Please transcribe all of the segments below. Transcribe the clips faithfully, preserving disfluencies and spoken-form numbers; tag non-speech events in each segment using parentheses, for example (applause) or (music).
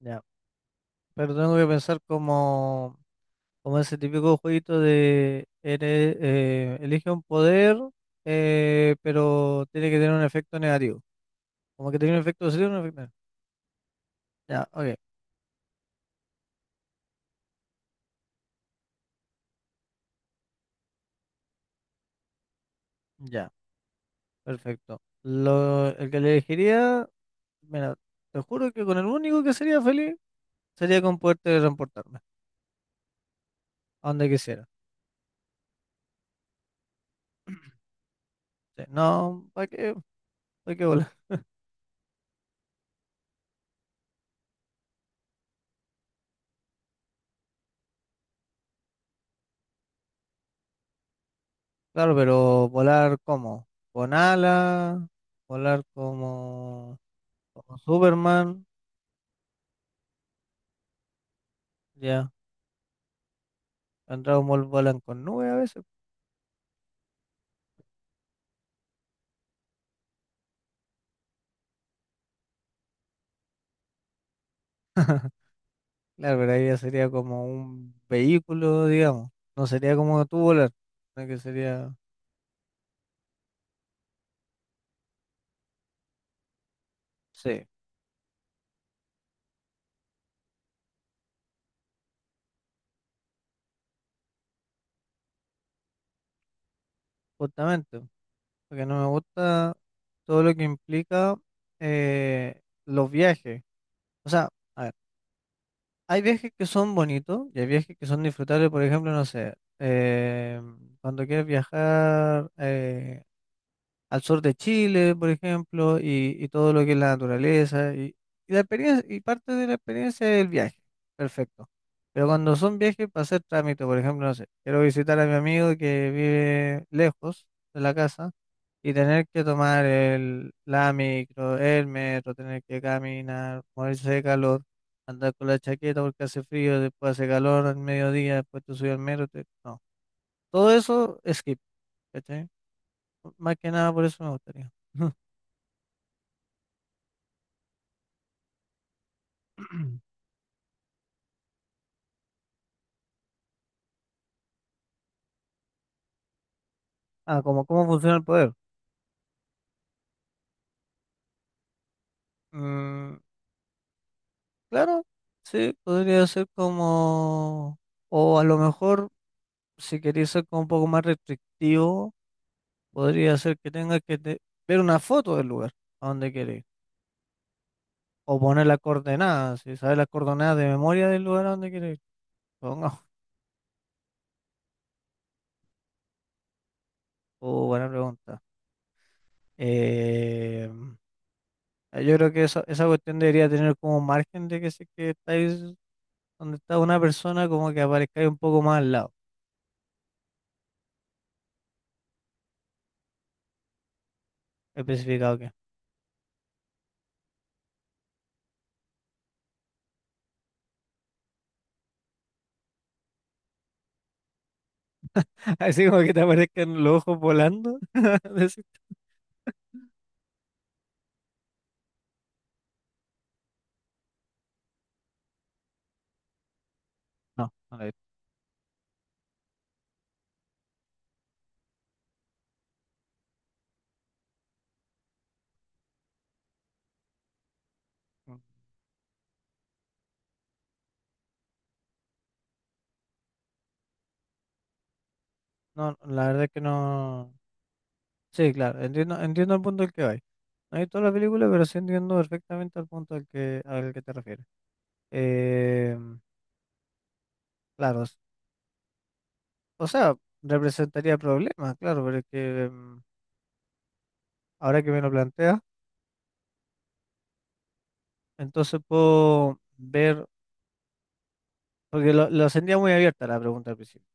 Ya, pero tengo que pensar como, como ese típico jueguito de eres, eh, elige un poder, eh, pero tiene que tener un efecto negativo. Como que tiene un efecto positivo y un efecto negativo. Ya, ok, ya, perfecto. Lo, el que le elegiría, mira, te juro que con el único que sería feliz sería con poder teletransportarme a donde quisiera. Sí, no, ¿para qué? ¿Para qué volar? Claro, pero volar como, con alas, volar como, como Superman. Ya, en Dragon Ball volan con nubes a veces. Claro, pero ahí ya sería como un vehículo, digamos. No sería como tú volar, sino que sería, sí, justamente. Porque no me gusta todo lo que implica eh, los viajes. O sea, a ver, hay viajes que son bonitos y hay viajes que son disfrutables, por ejemplo, no sé, eh, cuando quieres viajar eh, al sur de Chile, por ejemplo, y, y todo lo que es la naturaleza. Y, y la experiencia, y parte de la experiencia es el viaje. Perfecto. Pero cuando son viajes para hacer trámite, por ejemplo, no sé, quiero visitar a mi amigo que vive lejos de la casa y tener que tomar el, la micro, el metro, tener que caminar, morirse de calor, andar con la chaqueta porque hace frío, después hace calor al mediodía, después te subes al metro. te- No. Todo eso, skip, ¿cachai? Más que nada por eso me gustaría. (laughs) (clears throat) Ah, ¿cómo cómo funciona el poder? Mm, claro, sí, podría ser como, o a lo mejor, si queréis ser como un poco más restrictivo, podría ser que tengas que te- ver una foto del lugar a donde queréis, o poner las coordenadas, si sabes las coordenadas de memoria del lugar a donde queréis. Ponga, oh, (laughs) buena pregunta. Eh, yo creo que esa, esa cuestión debería tener como margen de que si es que estáis donde está una persona, como que aparezcáis un poco más al lado, especificado. Así como que te aparezcan los ojos volando. (laughs) Decir, no, no, la he visto. No, no, la verdad es que no. Sí, claro, entiendo, entiendo el punto al que vais. No he visto la película, pero sí entiendo perfectamente el punto al que, al que te refieres. Eh, claro, s- o sea, representaría problemas, claro, pero es que em, ahora que me lo planteas, entonces puedo ver, porque lo, lo sentía muy abierta la pregunta al principio.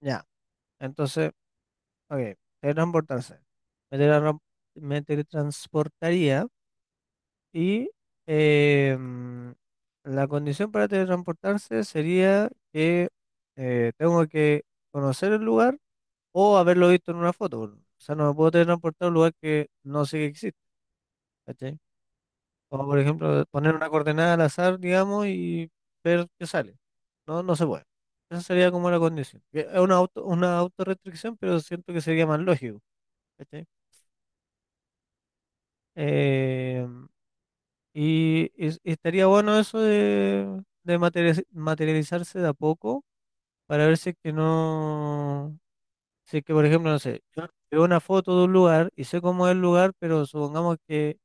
Ya, entonces, ok, teletransportarse. Me teletran- Me teletransportaría. Y eh, mm, la condición para teletransportarse sería que eh, tengo que conocer el lugar o haberlo visto en una foto. Por O sea, no me puedo teletransportar a un lugar que no sé que existe, ¿cachai? Como por ejemplo poner una coordenada al azar, digamos, y ver qué sale. No, no se puede. Esa sería como la condición. Que Es una auto, una autorrestricción, pero siento que sería más lógico, ¿cachai? Em, Y, es- estaría bueno eso de, de materializ- materializarse de a poco para ver si es que no, si es que por ejemplo, no sé, yo veo una foto de un lugar y sé cómo es el lugar, pero supongamos que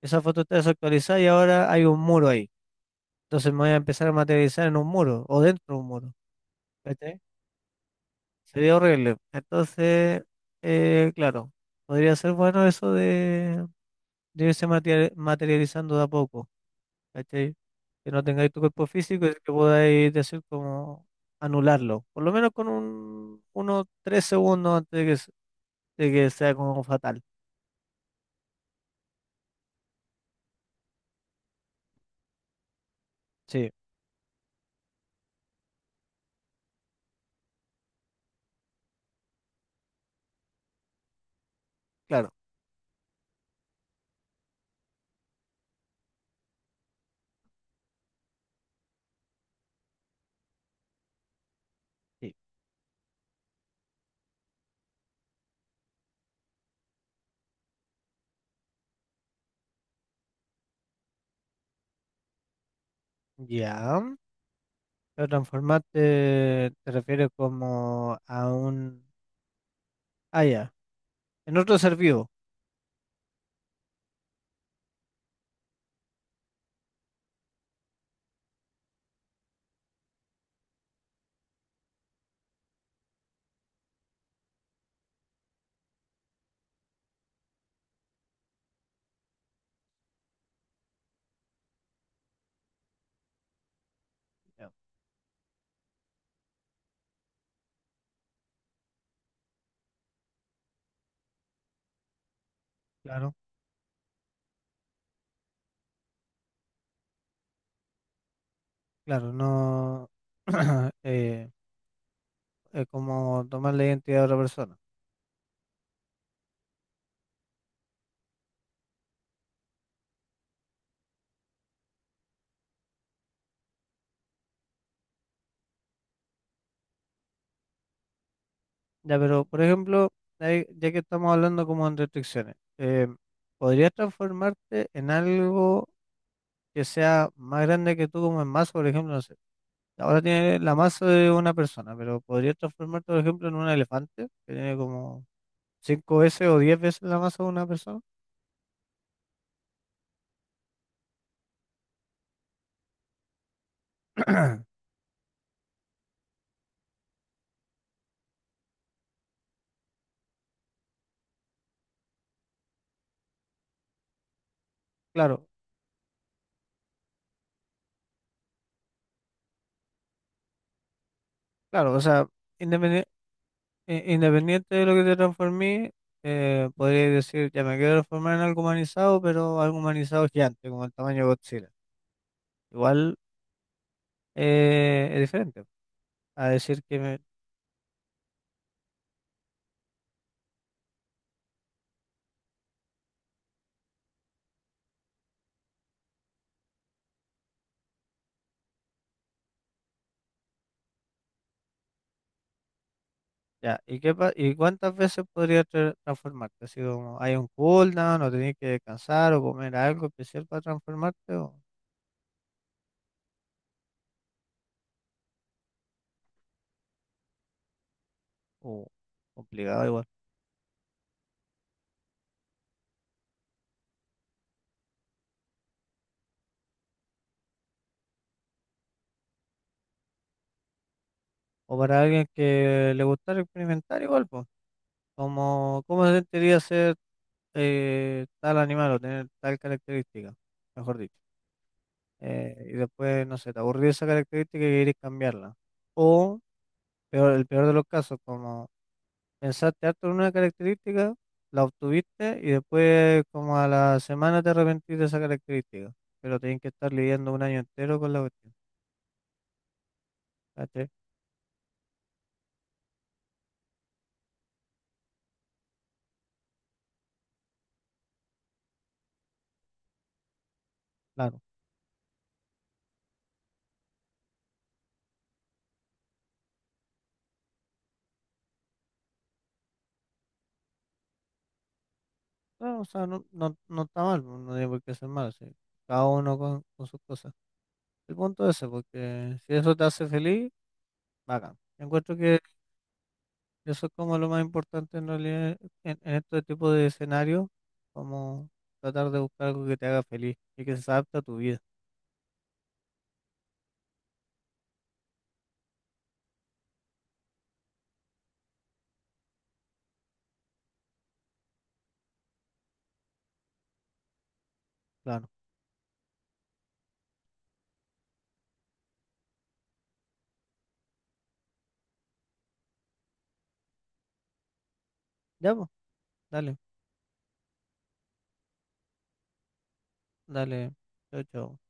esa foto está desactualizada y ahora hay un muro ahí. Entonces me voy a empezar a materializar en un muro o dentro de un muro. ¿Cachai? Sería horrible. Entonces, eh, claro, podría ser bueno eso de, de irse materia- materializando de a poco. ¿Cachai? Que no tengáis tu cuerpo físico y que podáis decir como anularlo, por lo menos con un, unos tres segundos antes de que, se- de que sea como fatal. Sí, claro, sí. Ya, pero transformarte te refieres como a un... Ah, ya, en otro ser vivo. Ya, claro, claro, no (clears throat) eh, es como tomar la identidad de otra persona. Ya, pero por ejemplo, ahí- ya que estamos hablando como en restricciones, eh, ¿podrías transformarte en algo que sea más grande que tú como en masa? Por ejemplo, no sé, ahora tiene la masa de una persona, pero ¿podrías transformarte, por ejemplo, en un elefante que tiene como cinco veces o diez veces la masa de una persona? (clears throat) Claro, claro, o sea, independiente, independiente de lo que te transformé, eh, podría decir, ya me quiero transformar en algo humanizado, pero algo humanizado gigante, como el tamaño de Godzilla. Igual eh, es diferente. A decir que me- ya, ¿y qué pa- y cuántas veces podría tra- transformarte? Así como hay un cooldown o tenés que descansar o comer algo especial para transformarte o, o complicado igual. O para alguien que le gustara experimentar igual, pues, como cómo se sentiría ser eh, tal animal o tener tal característica, mejor dicho. Eh, y después, no sé, te aburrió esa característica y querés cambiarla. O peor, el peor de los casos, como pensaste harto en una característica, la obtuviste y después como a la semana te arrepentís de esa característica. Pero tenés que estar lidiando un año entero con la cuestión. ¿Cachai? Claro. No, o sea, no, no, no está mal, pues, no tiene por qué ser mal, sí. Cada uno con, con sus cosas. El punto es ese, porque si eso te hace feliz, bacán. Encuentro que eso es como lo más importante en realidad en, en este tipo de escenarios, como tratar de buscar algo que te haga feliz y que se adapte a tu vida. Claro. Ya, pues, dale. Dale, chao, chao.